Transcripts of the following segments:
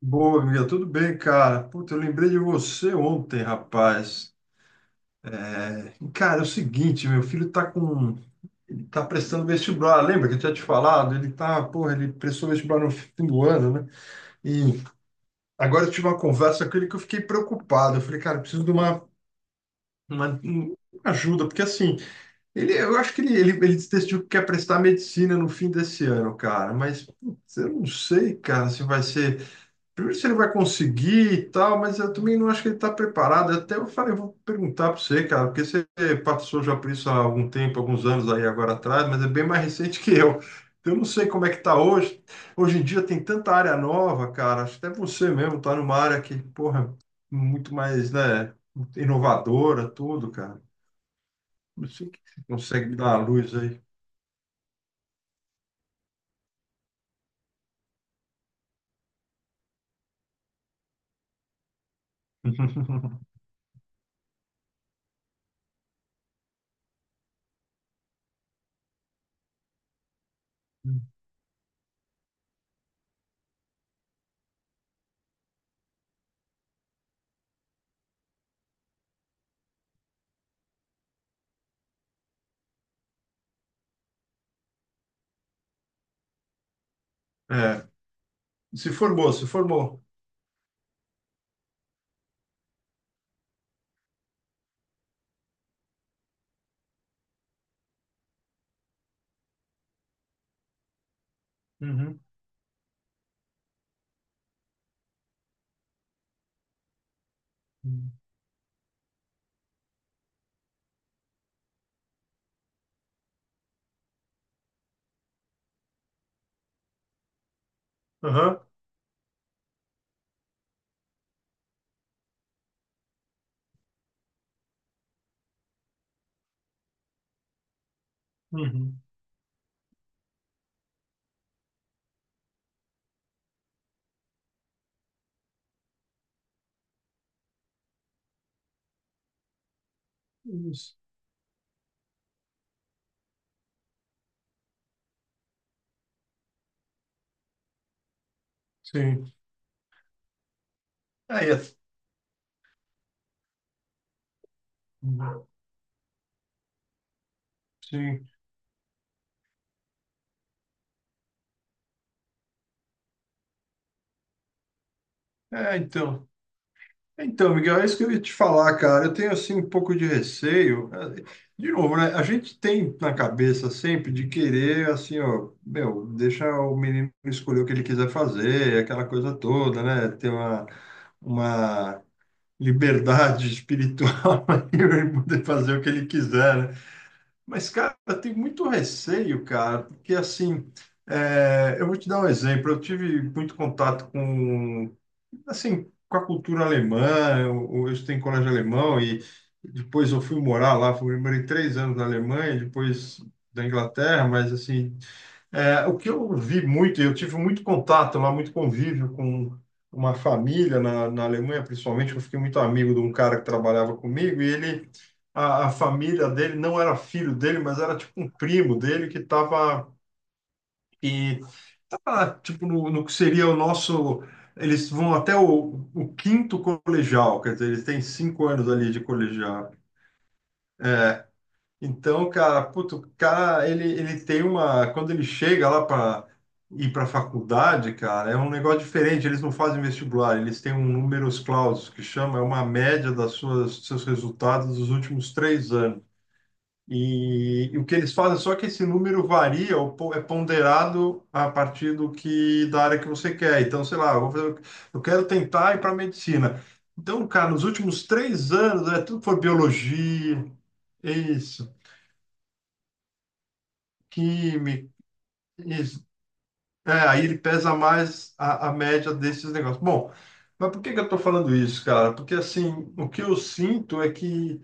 Boa, amiga, tudo bem, cara? Puta, eu lembrei de você ontem, rapaz. Cara, é o seguinte, meu filho tá com, ele tá prestando vestibular, lembra que eu tinha te falado? Porra, ele prestou vestibular no fim do ano, né? E agora eu tive uma conversa com ele que eu fiquei preocupado. Eu falei, cara, eu preciso de uma ajuda, porque assim, eu acho que ele decidiu que quer prestar medicina no fim desse ano, cara, mas putz, eu não sei, cara, se vai ser primeiro, se ele vai conseguir e tal, mas eu também não acho que ele está preparado. Até eu falei, eu vou perguntar para você, cara, porque você passou já por isso há algum tempo, alguns anos aí agora atrás, mas é bem mais recente que eu. Então, eu não sei como é que está hoje. Hoje em dia tem tanta área nova, cara. Acho que até você mesmo está numa área que, porra, muito mais, né, inovadora, tudo, cara. Não sei o que você consegue me dar a luz aí. É, se formou, se formou. Uhum. Aham. Uhum. Isso. Sim. É, sim. É, então. Então, Miguel, é isso que eu ia te falar, cara. Eu tenho, assim, um pouco de receio. É, de novo, né? A gente tem na cabeça sempre de querer, assim, ó, meu, deixa o menino escolher o que ele quiser fazer, aquela coisa toda, né? Ter uma liberdade espiritual para poder fazer o que ele quiser, né. Mas, cara, tem muito receio, cara, porque assim, é, eu vou te dar um exemplo. Eu tive muito contato com, assim, com a cultura alemã. Eu estudei em colégio alemão e depois eu fui morar lá. Fui, morei 3 anos na Alemanha, depois da Inglaterra, mas assim, é, o que eu vi muito, eu tive muito contato lá, muito convívio com uma família na Alemanha, principalmente, eu fiquei muito amigo de um cara que trabalhava comigo, e ele, a família dele não era filho dele, mas era tipo um primo dele que estava, e tava, tipo, no que seria o nosso, eles vão até o quinto colegial, quer dizer, eles têm 5 anos ali de colegial. É, então, cara, puto, o cara, ele tem uma. Quando ele chega lá para ir para a faculdade, cara, é um negócio diferente. Eles não fazem vestibular, eles têm um números clausus, que chama, é uma média das suas, dos seus resultados dos últimos 3 anos. E o que eles fazem, só que esse número varia, é ponderado a partir do que, da área que você quer. Então, sei lá, eu vou fazer, eu quero tentar ir para medicina. Então, cara, nos últimos 3 anos, é, tudo foi biologia. Isso, química. Isso. É, aí ele pesa mais a média desses negócios. Bom, mas por que que eu estou falando isso, cara? Porque assim, o que eu sinto é que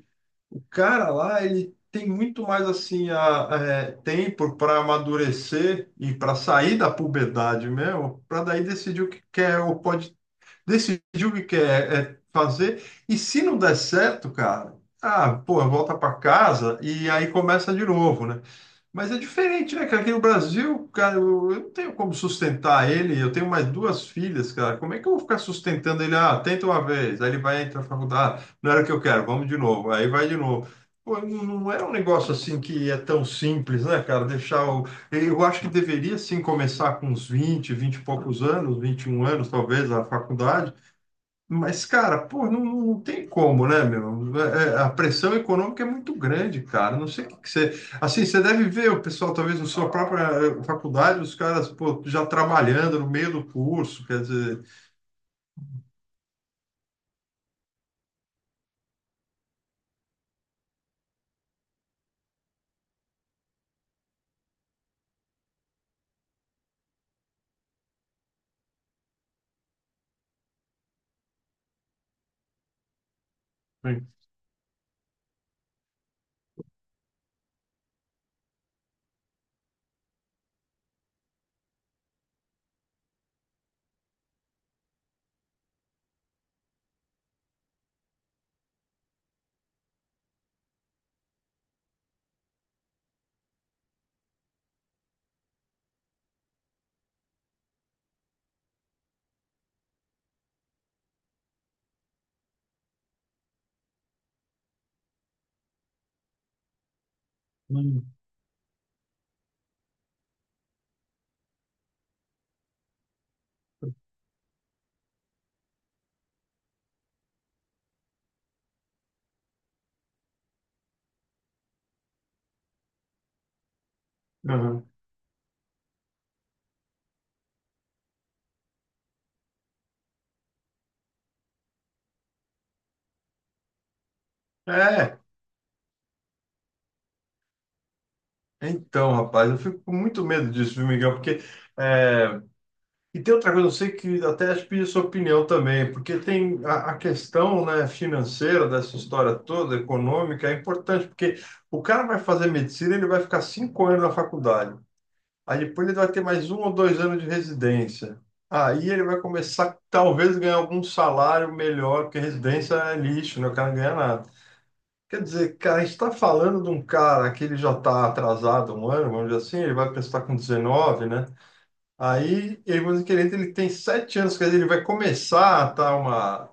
o cara lá, ele tem muito mais assim a, é, tempo para amadurecer e para sair da puberdade mesmo, para daí decidir o que quer ou pode decidir o que quer é fazer. E se não der certo, cara, ah, pô, volta para casa e aí começa de novo, né? Mas é diferente, né, cara? Aqui no Brasil, cara, eu não tenho como sustentar ele. Eu tenho mais duas filhas, cara. Como é que eu vou ficar sustentando ele? Ah, tenta uma vez, aí ele vai entrar na faculdade. Ah, não era o que eu quero, vamos de novo. Aí vai de novo. Pô, não é um negócio assim que é tão simples, né, cara? Deixar o. Eu acho que deveria sim começar com uns vinte e poucos anos, 21 anos, talvez, a faculdade, mas, cara, pô, não, não tem como, né, meu? É, é, a pressão econômica é muito grande, cara. Não sei o que, que você. Assim, você deve ver o pessoal, talvez na sua própria faculdade, os caras, pô, já trabalhando no meio do curso, quer dizer. Sim. Hum. Aham. É, então, rapaz, eu fico com muito medo disso, viu, Miguel? Porque. eh, E tem outra coisa, eu sei que até acho que pedi sua opinião também, porque tem a questão, né, financeira dessa história toda, econômica, é importante, porque o cara vai fazer medicina, ele vai ficar 5 anos na faculdade. Aí depois ele vai ter mais 1 ou 2 anos de residência. Aí ele vai começar, talvez, ganhar algum salário melhor, porque residência é lixo, né? O cara não ganha nada. Quer dizer, cara, a gente está falando de um cara que ele já está atrasado 1 ano, vamos dizer assim, ele vai prestar com 19, né? Aí, ele aí você querendo, ele tem 7 anos, quer dizer, ele vai começar a tá uma,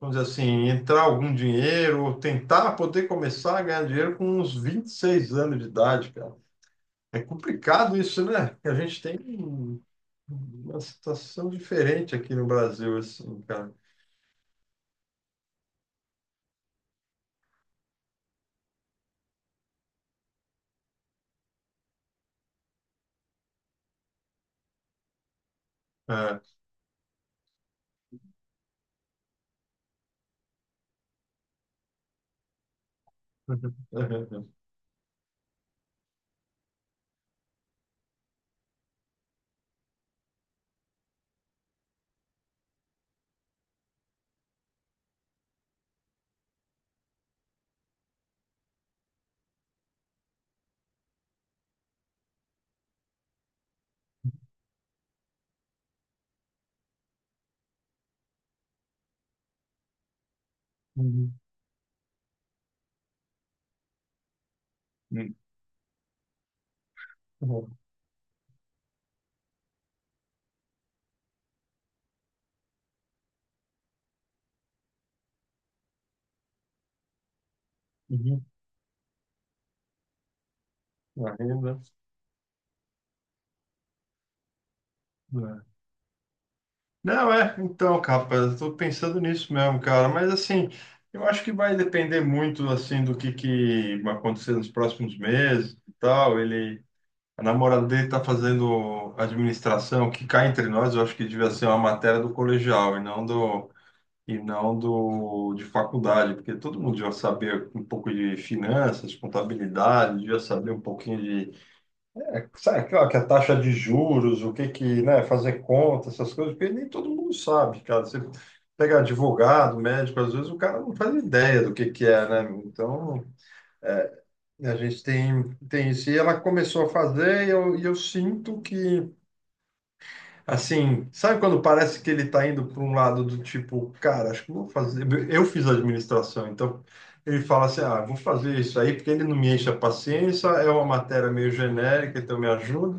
vamos dizer assim, entrar algum dinheiro, ou tentar poder começar a ganhar dinheiro com uns 26 anos de idade, cara. É complicado isso, né? A gente tem uma situação diferente aqui no Brasil, assim, cara. É. Uhum. Uhum. Uhum. A renda. Não, é, então, cara, rapaz, eu tô pensando nisso mesmo, cara, mas assim, eu acho que vai depender muito, assim, do que vai acontecer nos próximos meses e tal, ele, a namorada dele tá fazendo administração, que cá entre nós, eu acho que devia ser uma matéria do colegial e não do, de faculdade, porque todo mundo devia saber um pouco de finanças, contabilidade, devia saber um pouquinho é, sabe, claro que a taxa de juros, o que que, né, fazer conta, essas coisas, porque nem todo mundo sabe, cara. Você pega advogado, médico, às vezes o cara não faz ideia do que é, né? Então, é, a gente tem isso. E ela começou a fazer e eu sinto que, assim, sabe quando parece que ele está indo para um lado do tipo, cara, acho que vou fazer. Eu fiz administração, então ele fala assim: ah, vou fazer isso aí porque ele não me enche a paciência, é uma matéria meio genérica, então me ajuda.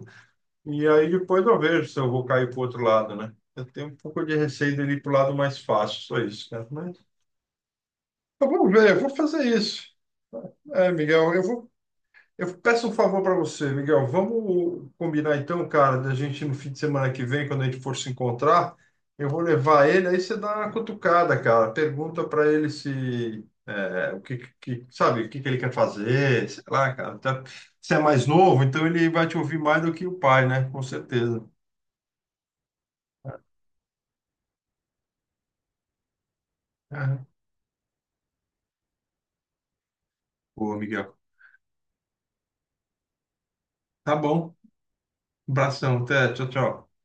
E aí depois eu vejo se eu vou cair para o outro lado, né? Eu tenho um pouco de receio de ir para o lado mais fácil, só isso, cara. Mas eu vou ver, eu vou fazer isso. É, Miguel, eu peço um favor para você, Miguel. Vamos combinar então, cara, da gente no fim de semana que vem, quando a gente for se encontrar, eu vou levar ele, aí você dá uma cutucada, cara. Pergunta para ele se é, o que, que sabe, o que que ele quer fazer, sei lá, cara. Você é mais novo, então ele vai te ouvir mais do que o pai, né? Com certeza. Aham. Boa, Miguel. Tá bom. Um abração, até. Tchau, tchau.